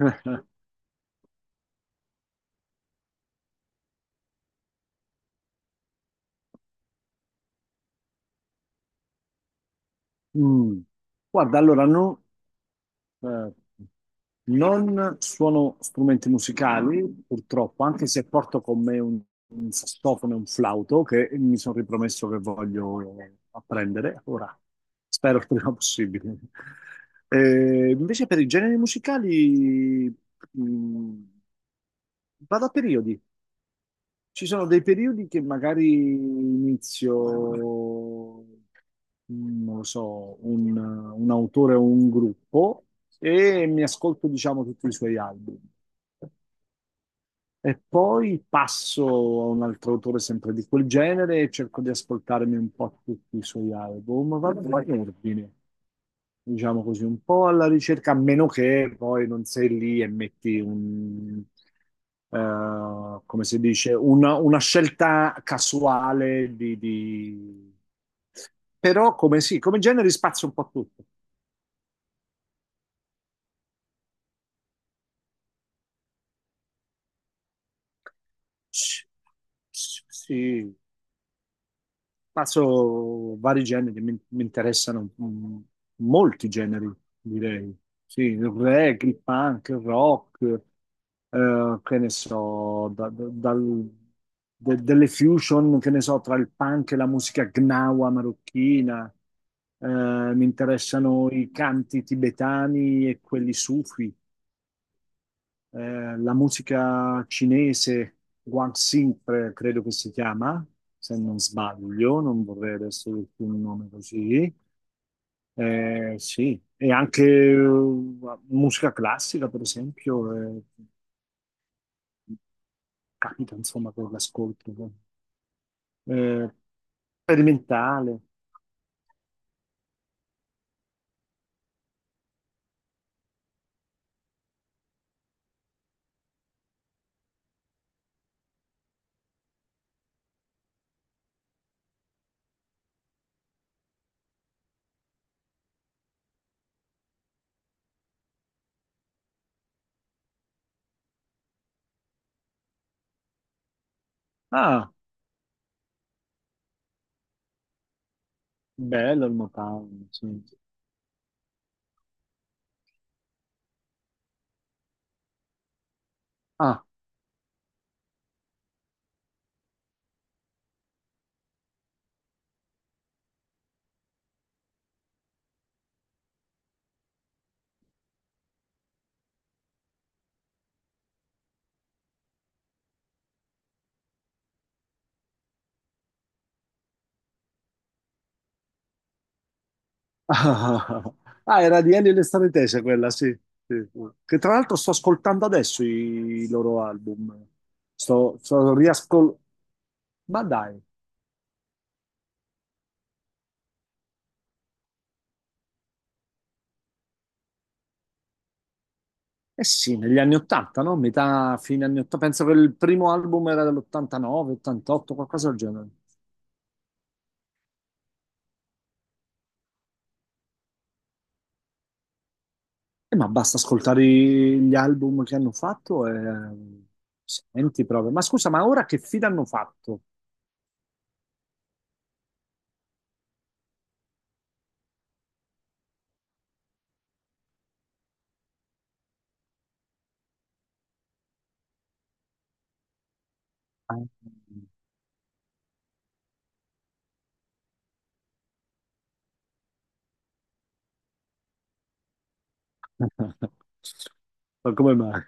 Mm. Guarda, allora eh, non suono strumenti musicali, purtroppo, anche se porto con me un sassofono e un flauto che mi sono ripromesso che voglio apprendere. Ora, spero il prima possibile. Invece per i generi musicali, mm, vado a periodi. Ci sono dei periodi che magari inizio, non lo so, un autore o un gruppo, e mi ascolto, diciamo, tutti i suoi album. E poi passo a un altro autore sempre di quel genere e cerco di ascoltarmi un po' tutti i suoi album. Vado in ordine, diciamo così, un po' alla ricerca, a meno che poi non sei lì e metti come si dice, una scelta casuale. Però, come sì, come genere spazio un po' tutto. Sì, sì, sì. Passo vari generi, mi interessano, molti generi, direi. Sì, il reggae, il punk, il rock, che ne so, delle fusion, che ne so, tra il punk e la musica gnawa marocchina. Eh, mi interessano i canti tibetani e quelli sufi, la musica cinese, Guangxi, credo che si chiama, se non sbaglio, non vorrei adesso dirti un nome così. Eh sì, e anche, musica classica, per esempio, capita insomma con l'ascolto. Eh, sperimentale. Ah, bello il Motown, sì. Ah, ah, ah, era di Elio e le Strane Tese quella, sì. Sì, sì. Che tra l'altro sto ascoltando adesso i loro album. Sto riascoltando. Ma dai, eh sì, negli anni 80, no? Metà, fine anni 80. Penso che il primo album era dell'89, 88, qualcosa del genere. Ma basta ascoltare gli album che hanno fatto e senti proprio. Ma scusa, ma ora che fine hanno fatto? Ah. Ma come mai?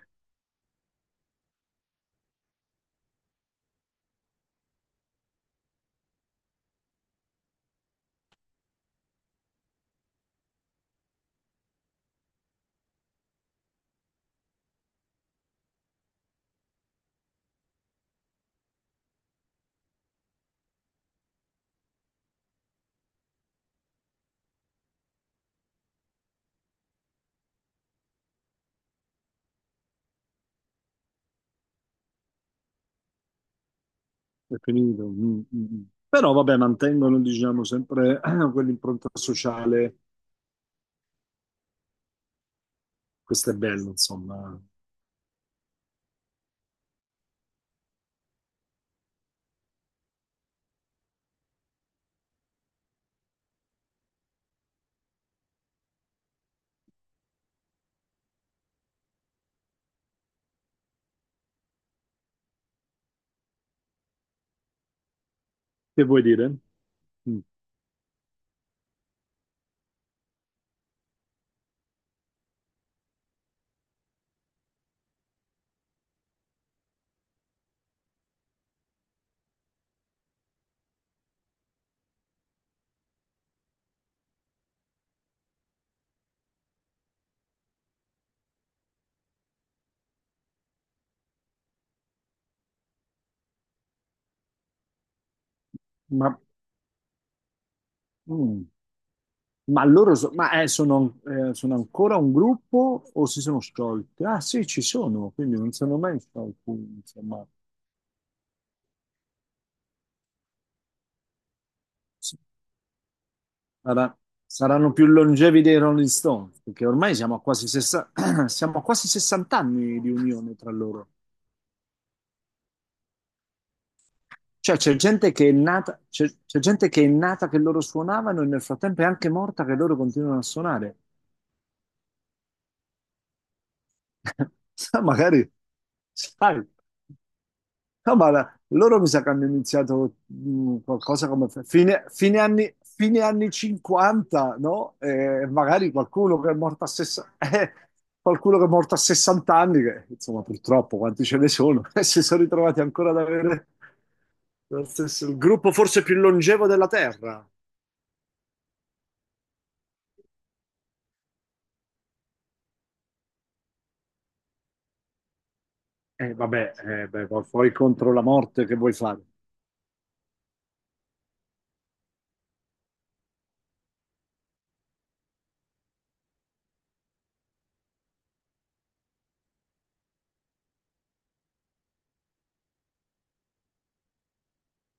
Preferito. Mm, mm, mm. Però vabbè, mantengono, diciamo, sempre quell'impronta sociale. Questo è bello, insomma. Che vuoi dire? Mm. Ma mm, Ma loro sono ancora un gruppo o si sono sciolti? Ah sì, ci sono, quindi non sono mai sciolti, insomma. Sarà- saranno più longevi dei Rolling Stones, perché ormai siamo a quasi, sessa- siamo a quasi 60 anni di unione tra loro. Cioè c'è gente che è nata, c'è gente che è nata che loro suonavano, e nel frattempo è anche morta che loro continuano a suonare. Magari, sai. No, ma loro mi sa che hanno iniziato, qualcosa come fine anni 50, no? E magari qualcuno che è morto qualcuno che è morto a 60 anni, che insomma purtroppo quanti ce ne sono, e si sono ritrovati ancora ad avere il gruppo forse più longevo della Terra. E vabbè, beh, poi contro la morte che vuoi fare?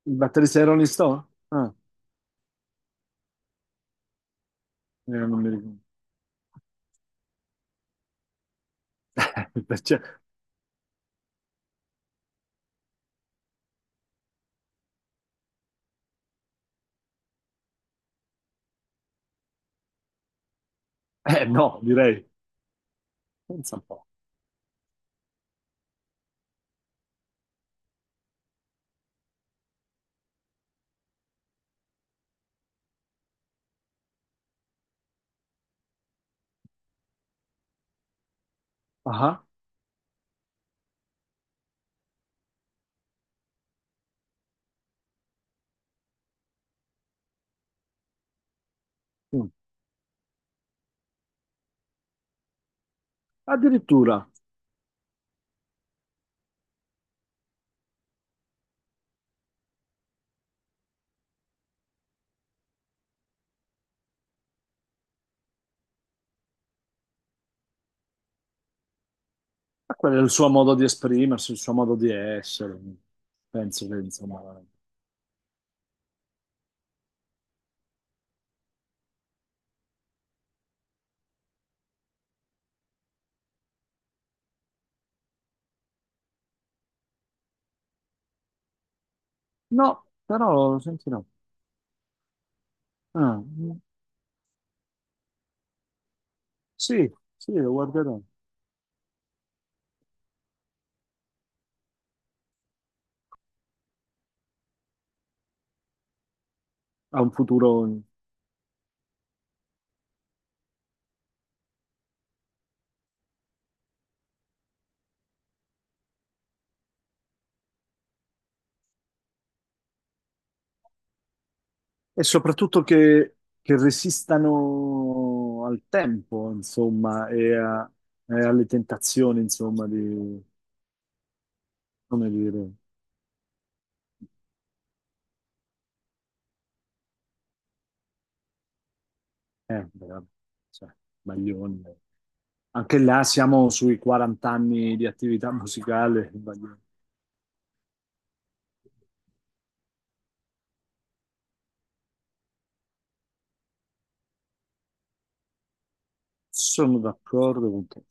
Il batterista di Rolling Stone? Ah, non mi ricordo. Cioè, no, direi. Pensa un po'. Ah. Ah. Addirittura, ma quello è il suo modo di esprimersi, il suo modo di essere. Penso che, insomma... No, però lo sentirò. Ah, mm, sì, sì, lo guarderò. Ha un futuro... E soprattutto che resistano al tempo, insomma, e alle tentazioni, insomma, di... Come dire... beh, vabbè, cioè, Baglioni. Anche là siamo sui 40 anni di attività musicale. Baglioni. Sono d'accordo con te.